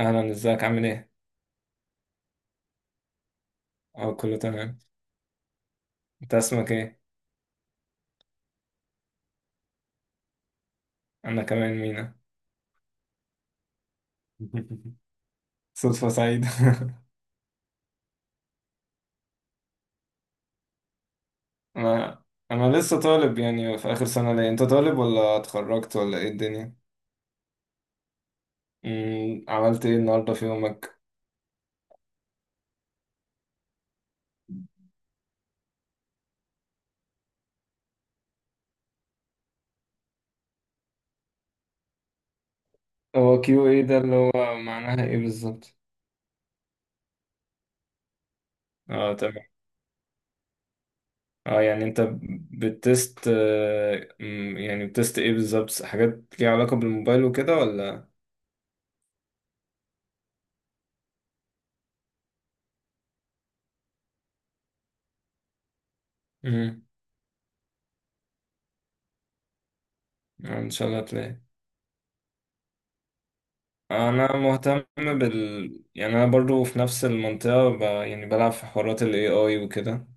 اهلا، ازيك؟ عامل ايه؟ اه، كله تمام. انت اسمك ايه؟ انا كمان مينا. صدفة سعيدة. انا انا لسه طالب، يعني في اخر سنة. ليه، انت طالب ولا اتخرجت ولا ايه الدنيا؟ عملت ايه النهاردة في يومك؟ هو كيو ايه ده اللي هو معناها ايه بالظبط؟ اه، تمام. اه يعني انت بتست آه، مم، يعني بتست ايه بالظبط؟ حاجات ليها علاقة بالموبايل وكده ولا؟ امم ان شاء الله تلاقي. انا مهتم يعني انا برضو في نفس المنطقة، يعني بلعب في حوارات ال AI وكده،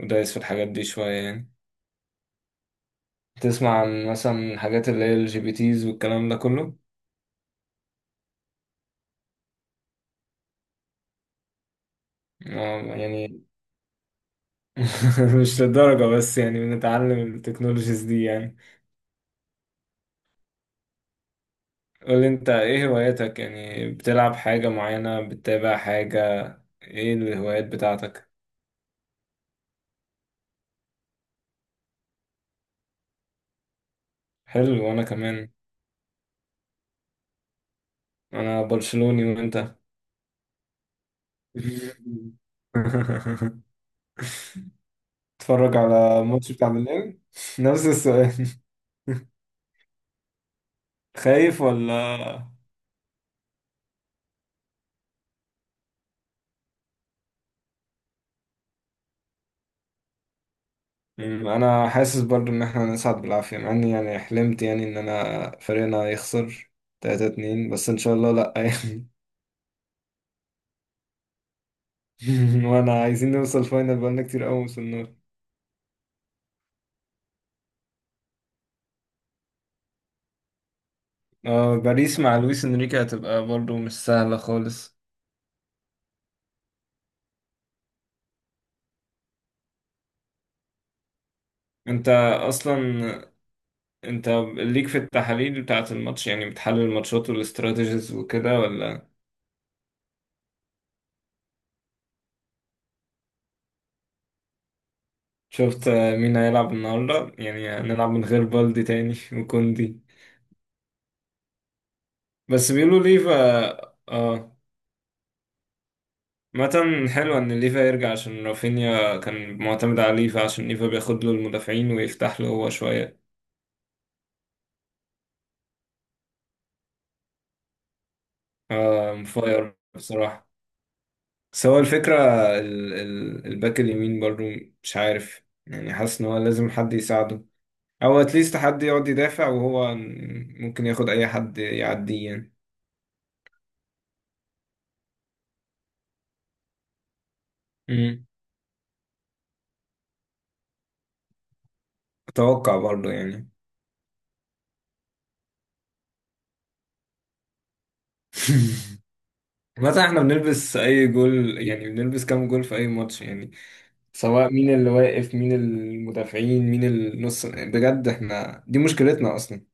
ودايس في الحاجات دي شوية يعني. تسمع عن مثلا حاجات اللي هي ال GPTs والكلام ده كله؟ يعني مش للدرجة، بس يعني بنتعلم التكنولوجيز دي يعني. قول انت، ايه هواياتك؟ يعني بتلعب حاجة معينة، بتتابع حاجة، ايه الهوايات بتاعتك؟ حلو، وانا كمان. انا برشلوني، وانت؟ اتفرج على الماتش بتاع بالليل. نفس السؤال، خايف ولا؟ انا حاسس برضو ان احنا نصعد بالعافية، مع اني يعني حلمت يعني ان انا فريقنا يخسر 3-2، بس ان شاء الله لا يعني. وانا عايزين نوصل فاينل، بقالنا كتير قوي وصلنا. اه، باريس مع لويس انريكي هتبقى برضو مش سهلة خالص. انت اصلا انت ليك في التحاليل بتاعة الماتش؟ يعني بتحلل الماتشات والاستراتيجيز وكده ولا؟ شفت مين هيلعب النهارده؟ يعني هنلعب من غير بالدي تاني وكوندي. بس بيقولوا ليفا. اه، مثلا حلو ان ليفا يرجع، عشان رافينيا كان معتمد على ليفا، عشان ليفا بياخد له المدافعين ويفتح له هو شويه. آه مفاير بصراحه. بس هو الفكره، ال ال الباك اليمين برضو، مش عارف يعني، حاسس ان هو لازم حد يساعده، او اتليست حد يقعد يدافع وهو ممكن ياخد اي حد يعديه يعني. مم. اتوقع برضو يعني. مثلا احنا بنلبس اي جول يعني، بنلبس كام جول في اي ماتش يعني، سواء مين اللي واقف، مين المدافعين، مين النص، بجد احنا دي مشكلتنا اصلا.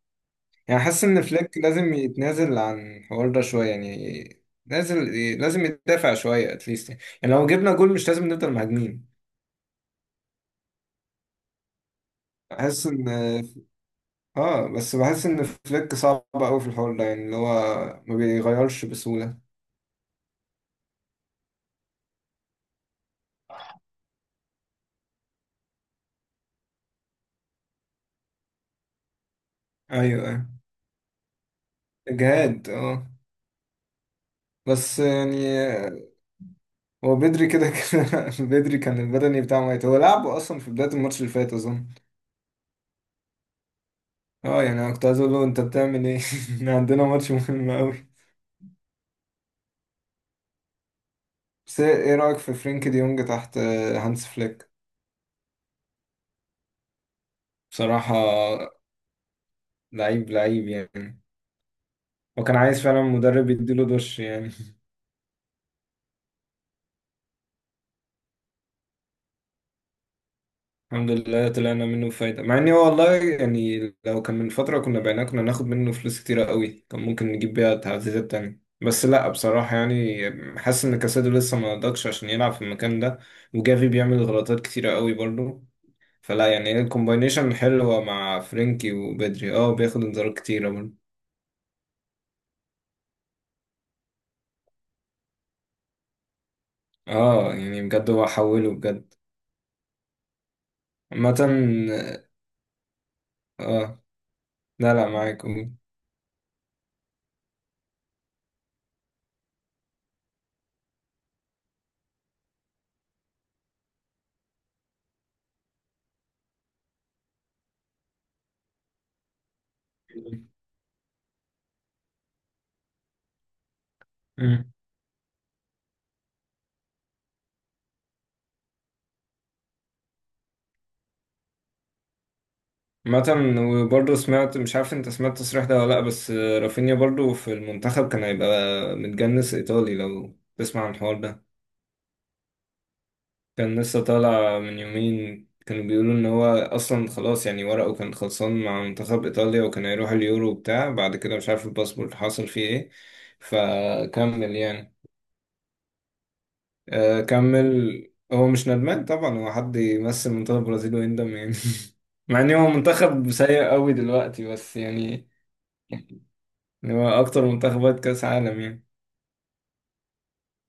يعني حاسس ان فليك لازم يتنازل عن الحوار ده شويه يعني. نازل، لازم يدافع شويه اتليست يعني، لو جبنا جول مش لازم نفضل مهاجمين. بحس ان اه بس بحس ان فليك صعب قوي في الحوار ده يعني، اللي هو ما بيغيرش بسهوله. ايوه، ايوه. اجهاد، اه. بس يعني هو بدري كده كده. بدري كان البدني بتاعه ميت، هو لعبه اصلا في بداية الماتش اللي فات اظن. اه يعني انا كنت عايز اقول له انت بتعمل ايه. إحنا عندنا ماتش مهم قوي. بس ايه، إيه رأيك في فرينك دي يونج تحت هانس فليك؟ بصراحة لعيب لعيب يعني. وكان عايز فعلا مدرب يديله دش يعني. الحمد لله طلعنا منه بفايدة، مع اني هو والله يعني لو كان من فترة كنا بعناه، كنا ناخد منه فلوس كتيرة قوي، كان ممكن نجيب بيها تعزيزات تانية. بس لا، بصراحة يعني حاسس ان كاسادو لسه ما نضجش عشان يلعب في المكان ده، وجافي بيعمل غلطات كتيرة قوي برضو، فلا يعني. هي الكومباينيشن حلوة مع فرينكي وبدري، اه، بياخد انذارات كتيرة برضو. اه يعني بجد هو حوله بجد. عامة. اه. لا، لا، معاك، قول. مثلا وبرضه سمعت، مش عارف انت سمعت التصريح ده ولا لا، بس رافينيا برضه في المنتخب كان هيبقى متجنس ايطالي، لو تسمع عن الحوار ده. كان لسه طالع من يومين، كانوا بيقولوا ان هو اصلا خلاص يعني ورقه كان خلصان مع منتخب ايطاليا، وكان هيروح اليورو وبتاع، بعد كده مش عارف الباسبورت حصل فيه ايه فكمل يعني. آه، كمل. هو مش ندمان طبعا، هو حد يمثل منتخب البرازيل ويندم يعني. مع ان هو منتخب سيء قوي دلوقتي بس يعني، إن هو اكتر منتخبات كاس عالم يعني.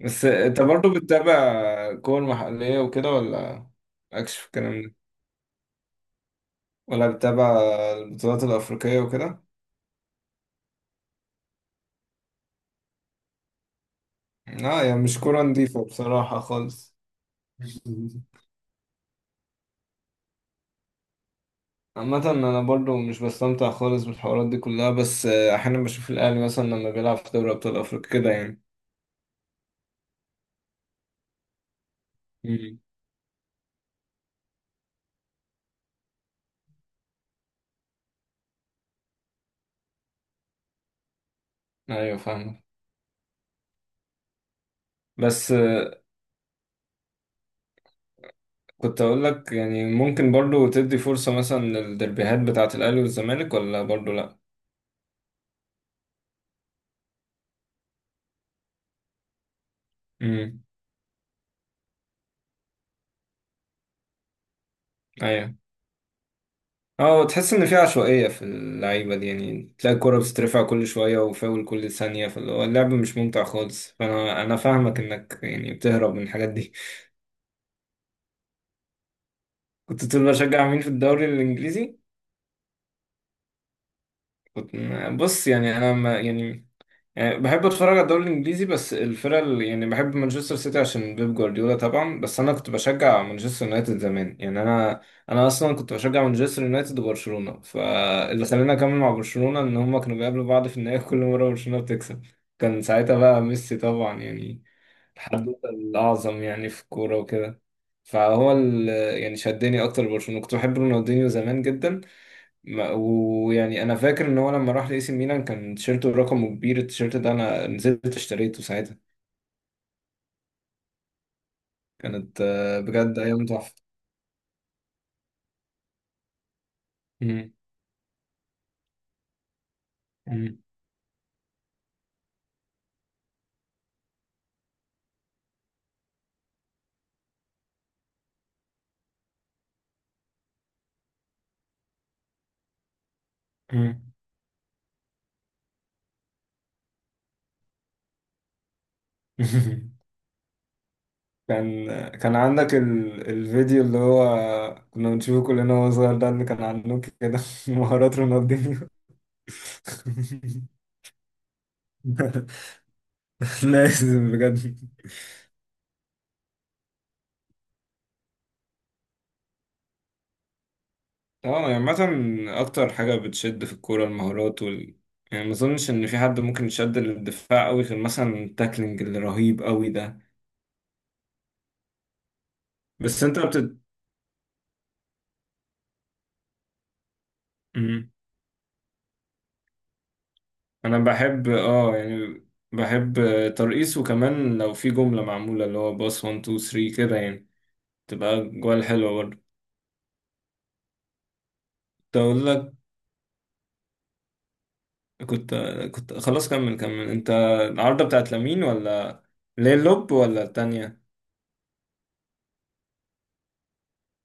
بس انت برضو بتتابع كور محلية وكده ولا مالكش في الكلام ده؟ ولا بتتابع البطولات الافريقية وكده؟ لا يعني مش كورة نضيفة بصراحة خالص. عامة أنا برضو مش بستمتع خالص بالحوارات دي كلها، بس أحيانا بشوف الأهلي مثلا لما بيلعب في دوري أبطال أفريقيا كده يعني. مم. أيوة فاهمة. بس كنت أقول لك يعني ممكن برضو تدي فرصة مثلا للدربيهات بتاعة الأهلي والزمالك، ولا برضو لأ؟ مم. أيوة. اه تحس ان في عشوائية في اللعيبة دي يعني، تلاقي الكرة بتترفع كل شوية وفاول كل ثانية، فاللي هو اللعب مش ممتع خالص، فانا فاهمك انك يعني بتهرب من الحاجات دي. كنت تقول بشجع مين في الدوري الانجليزي. كنت، بص يعني انا ما يعني، يعني بحب اتفرج على الدوري الانجليزي، بس الفرق اللي- يعني بحب مانشستر سيتي عشان بيب جوارديولا طبعا، بس انا كنت بشجع مانشستر يونايتد زمان يعني. انا اصلا كنت بشجع مانشستر يونايتد وبرشلونه، فاللي خلاني اكمل مع برشلونه ان هما كانوا بيقابلوا بعض في النهائي. كل مره برشلونه بتكسب. كان ساعتها بقى ميسي طبعا يعني، الحدوته الاعظم يعني في الكوره وكده. فهو ال-، يعني شدني اكتر برشلونه، كنت بحب رونالدينيو زمان جدا. ويعني انا فاكر ان هو لما راح لاي سي ميلان كان تيشيرته رقمه كبير، التيشيرت ده انا نزلت اشتريته ساعتها. كانت بجد ايام تحفه. مم. مم. مم. كان عندك الفيديو اللي هو كنا بنشوفه كلنا وهو صغير ده، اللي كان عنده كده. مهارات رونالدينيو. لازم بجد. اه يعني عامة أكتر حاجة بتشد في الكورة المهارات وال... يعني ما أظنش إن في حد ممكن يشد للدفاع أوي غير مثلا التاكلينج الرهيب أوي ده. بس أنت بت مم. أنا بحب، بحب ترقيص، وكمان لو في جملة معمولة اللي هو باص 1 2 3 كده يعني، تبقى جوال حلوة برضه. كنت أقول لك، كنت كنت خلاص كمل كمل أنت، العارضة بتاعت لامين ولا ليه اللوب ولا التانية؟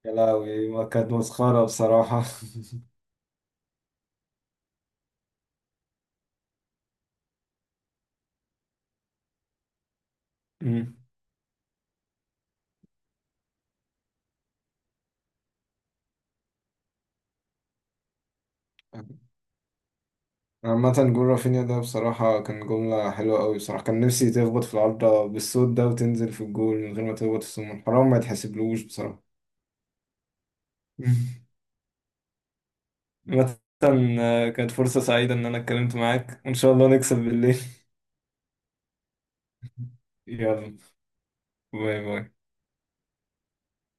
يا لهوي ما كانت مسخرة بصراحة. مم. عامة جول رافينيا ده بصراحة كان جملة حلوة أوي، بصراحة كان نفسي تخبط في العارضة بالصوت ده وتنزل في الجول من غير ما تخبط في السمون، حرام، ما يتحسبلوش بصراحة. عامة كانت فرصة سعيدة إن أنا اتكلمت معاك، وإن شاء الله نكسب بالليل. يلا. باي باي.